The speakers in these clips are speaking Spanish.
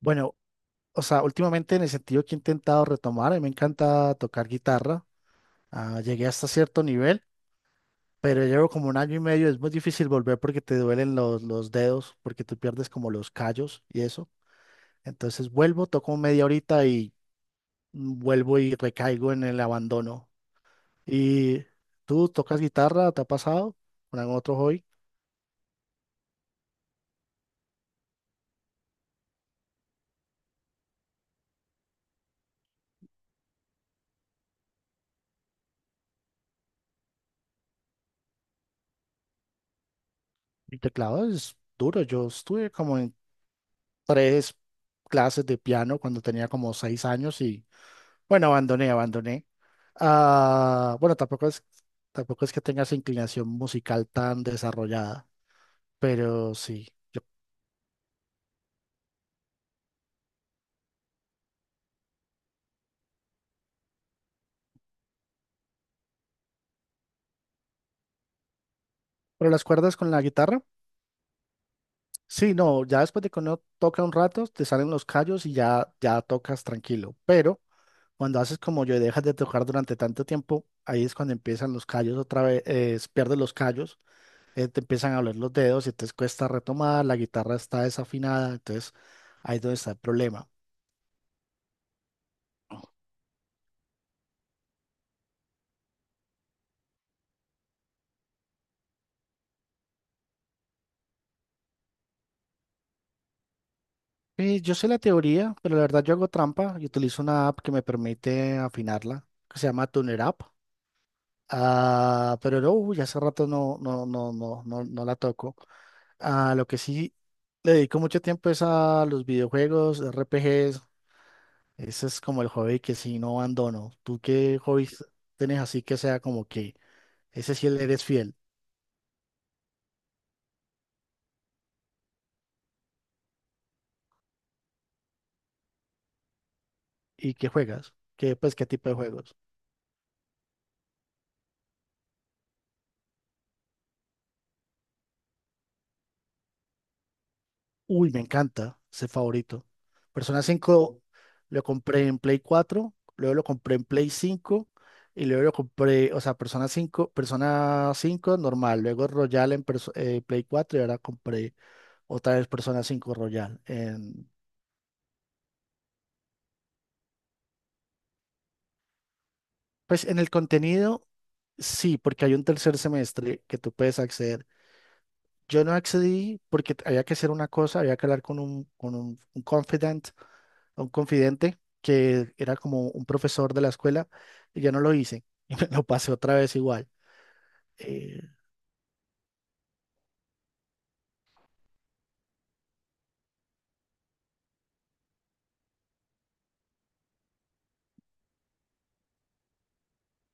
Bueno, o sea, últimamente en el sentido que he intentado retomar, a mí me encanta tocar guitarra. Llegué hasta cierto nivel, pero llevo como un año y medio. Es muy difícil volver porque te duelen los dedos, porque tú pierdes como los callos y eso. Entonces vuelvo, toco media horita y vuelvo y recaigo en el abandono. ¿Y tú tocas guitarra? ¿Te ha pasado con algún otro hobby? El teclado es duro. Yo estuve como en tres clases de piano cuando tenía como 6 años y bueno, abandoné, abandoné. Ah, bueno, tampoco es que tenga esa inclinación musical tan desarrollada, pero sí. yo- pero las cuerdas con la guitarra, sí, no, ya después de que uno toca un rato, te salen los callos y ya, ya tocas tranquilo. Pero cuando haces como yo y dejas de tocar durante tanto tiempo, ahí es cuando empiezan los callos otra vez, pierdes los callos, te empiezan a doler los dedos y te cuesta retomar, la guitarra está desafinada, entonces ahí es donde está el problema. Yo sé la teoría, pero la verdad yo hago trampa y utilizo una app que me permite afinarla, que se llama Tuner App. Ah, pero no, uy, hace rato no, no, no, no, no, no la toco. Ah, lo que sí le dedico mucho tiempo es a los videojuegos, RPGs. Ese es como el hobby que sí no abandono. ¿Tú qué hobbies tienes así que sea como que ese sí le eres fiel y que juegas? ¿Qué, pues, qué tipo de juegos? Uy, me encanta ese favorito. Persona 5, lo compré en Play 4, luego lo compré en Play 5 y luego lo compré, o sea, Persona 5 normal, luego Royal en Play 4 y ahora compré otra vez Persona cinco Royal. Pues en el contenido, sí, porque hay un tercer semestre que tú puedes acceder. Yo no accedí porque había que hacer una cosa, había que hablar con un confidant, un confidente que era como un profesor de la escuela y ya no lo hice y me lo pasé otra vez igual. Eh,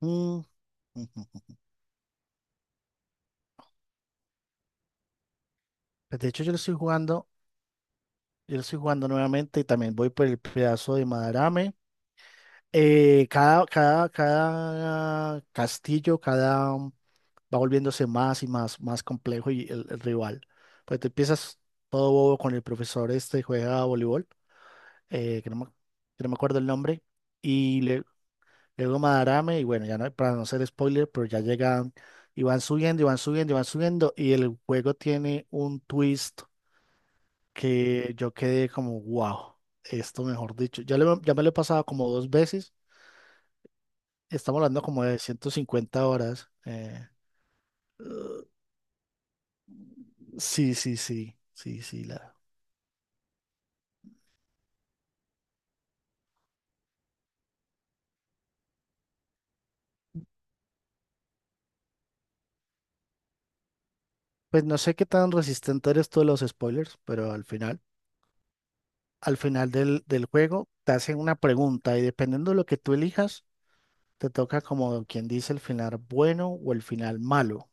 mm, ujú. Pues de hecho yo lo estoy jugando nuevamente y también voy por el pedazo de Madarame. Cada castillo, va volviéndose más y más, más complejo y el rival. Pues te empiezas todo bobo con el profesor este juega voleibol, eh, que no me, que no me acuerdo el nombre, y le Llegó Madarame y bueno, ya no, para no ser spoiler, pero ya llegan y van subiendo y van subiendo y van subiendo y el juego tiene un twist que yo quedé como, wow, esto mejor dicho, ya, ya me lo he pasado como dos veces, estamos hablando como de 150 horas. Sí, sí, sí, sí, sí. La. Pues no sé qué tan resistente eres tú a los spoilers, pero al final del juego te hacen una pregunta y dependiendo de lo que tú elijas te toca como quien dice el final bueno o el final malo.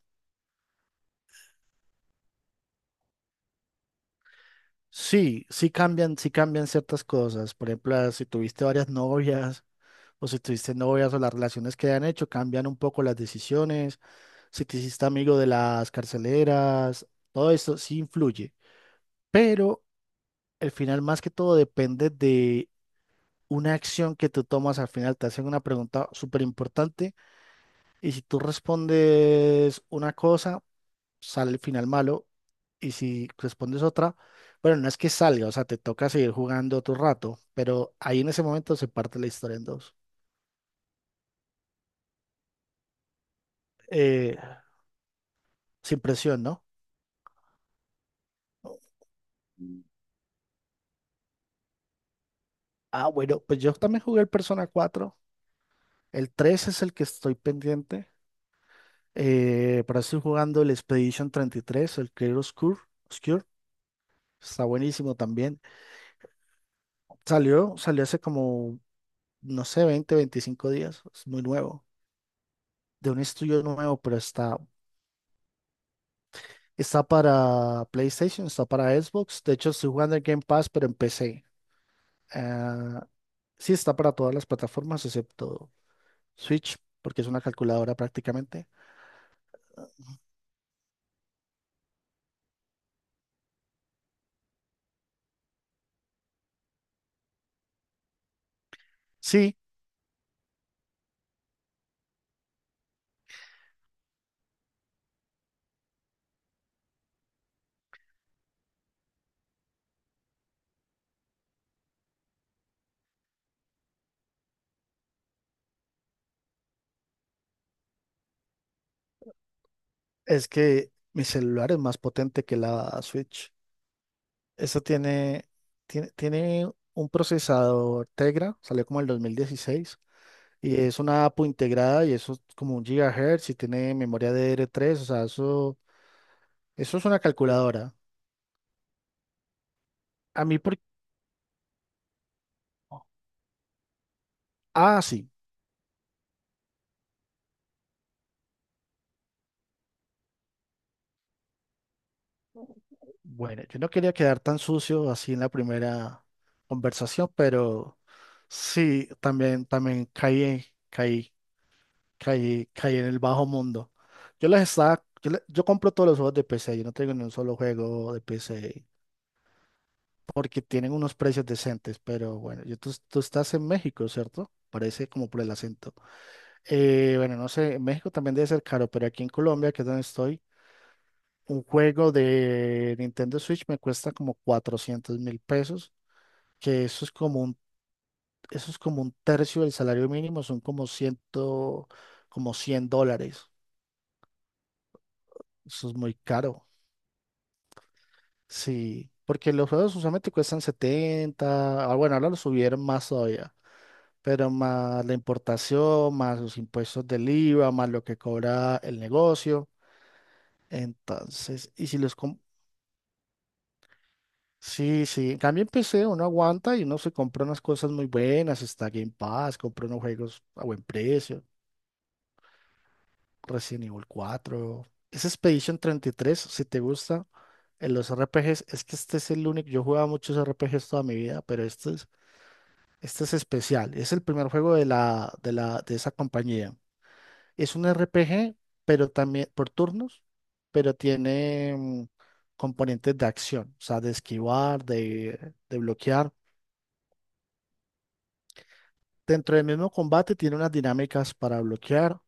Sí, sí cambian ciertas cosas. Por ejemplo, ah, si tuviste varias novias o si tuviste novias o las relaciones que han hecho, cambian un poco las decisiones. Si te hiciste amigo de las carceleras, todo eso sí influye. Pero el final más que todo depende de una acción que tú tomas al final. Te hacen una pregunta súper importante y si tú respondes una cosa sale el final malo y si respondes otra, bueno, no es que salga, o sea, te toca seguir jugando otro rato, pero ahí en ese momento se parte la historia en dos. Eh, Sin presión, ¿no? Ah, bueno, pues yo también jugué el Persona cuatro. El 3 es el que estoy pendiente. Pero estoy jugando el Expedition 33 el Clear Obscure. Obscure. Está buenísimo también. Salió hace como, no sé, 20 25 días. Es muy nuevo. De un estudio nuevo, pero está. Está para PlayStation, está para Xbox. De hecho, estoy jugando el Game Pass, pero en PC. Ah, sí, está para todas las plataformas, excepto Switch, porque es una calculadora prácticamente. Sí, es que mi celular es más potente que la Switch. Eso tiene un procesador Tegra, salió como el 2016 y es una APU integrada y eso es como un gigahertz y tiene memoria DDR3, o sea, eso es una calculadora. A mí, por. Ah, sí. Bueno, yo no quería quedar tan sucio así en la primera conversación, pero sí, también, también caí en el bajo mundo. Yo les estaba, yo, le- yo compro todos los juegos de PC, yo no tengo ni un solo juego de PC, porque tienen unos precios decentes, pero bueno, tú estás en México, ¿cierto? Parece como por el acento. Bueno, no sé, en México también debe ser caro, pero aquí en Colombia, que es donde estoy, un juego de Nintendo Switch me cuesta como 400.000 pesos que eso es como un, tercio del salario mínimo, son como cien dólares. Eso es muy caro. Sí, porque los juegos usualmente cuestan 70 bueno, ahora lo subieron más todavía, pero más la importación, más los impuestos del IVA, más lo que cobra el negocio. Entonces, y si los com-. Sí, sí, en cambio en PC uno aguanta y uno se compra unas cosas muy buenas, está Game Pass, compra unos juegos a buen precio. Resident Evil 4. Ese Expedition 33 si te gusta, en los RPGs, es que este es el único, yo jugaba muchos RPGs toda mi vida, pero este es especial. Es el primer juego de esa compañía. Es un RPG, pero también por turnos, pero tiene componentes de acción, o sea, de esquivar, de bloquear. Dentro del mismo combate tiene unas dinámicas para bloquear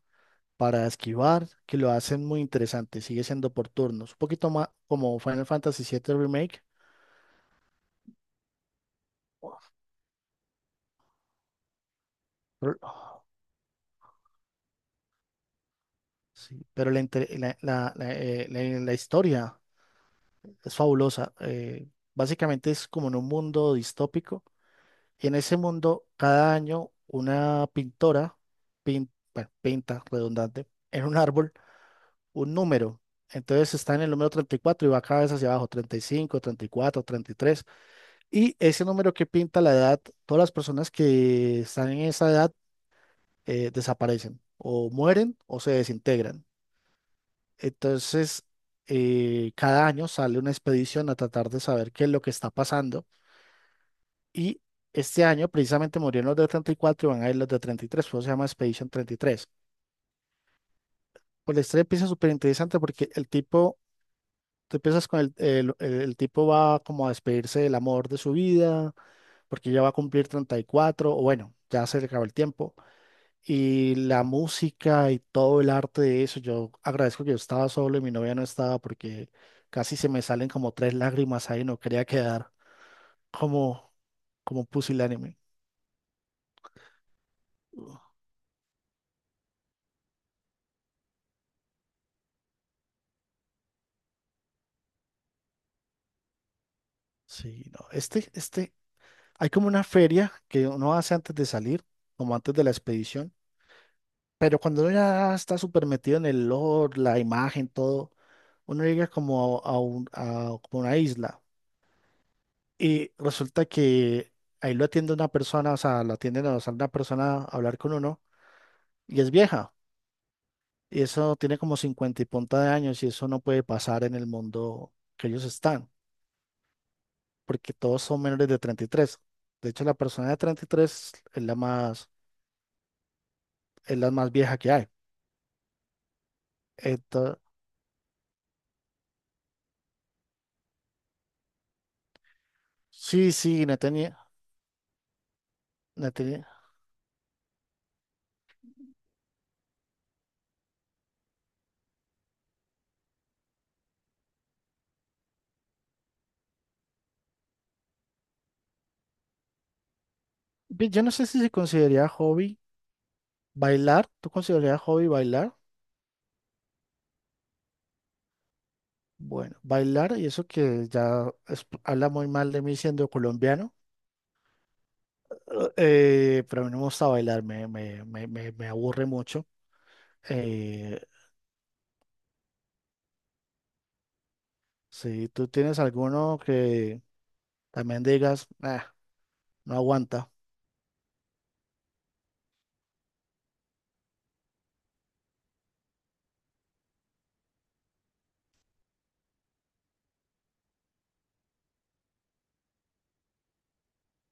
para esquivar, que lo hacen muy interesante, sigue siendo por turnos, un poquito más como Final Fantasy VII Remake, pero, oh, sí, pero la, la historia es fabulosa. Básicamente es como en un mundo distópico, y en ese mundo cada año una pintora bueno, pinta, redundante, en un árbol un número. Entonces está en el número 34 y cuatro y va cada vez hacia abajo, 35, 34, 33. Y ese número que pinta la edad, todas las personas que están en esa edad desaparecen o mueren o se desintegran. Entonces, cada año sale una expedición a tratar de saber qué es lo que está pasando. Y este año precisamente murieron los de 34 y van a ir los de 33, por eso se llama Expedition 33. Pues la historia empieza súper interesante porque el tipo, tú empiezas con el tipo va como a despedirse del amor de su vida, porque ya va a cumplir 34, o bueno, ya se le acabó el tiempo. Y la música y todo el arte de eso, yo agradezco que yo estaba solo y mi novia no estaba porque casi se me salen como tres lágrimas ahí, no quería quedar como, como, un pusilánime. Uh, Sí, no, hay como una feria que uno hace antes de salir, como antes de la expedición, pero cuando uno ya está súper metido en el lore, la imagen, todo, uno llega como a un- a- como una isla. Y resulta que ahí lo atiende una persona, o sea, lo atienden o sale una persona a hablar con uno y es vieja. Y eso tiene como 50 y punta de años y eso no puede pasar en el mundo que ellos están, porque todos son menores de 33. De hecho, la persona de 33 es la más vieja que hay. Entonces, sí, sí, no tenía, no tenía. Ve, yo no sé si se consideraría hobby bailar. ¿Tú considerarías hobby bailar? Bueno, bailar y eso que habla muy mal de mí siendo colombiano. Pero a mí no me gusta bailar, me aburre mucho. Eh, si tú tienes alguno que también digas, "Ah, no aguanta."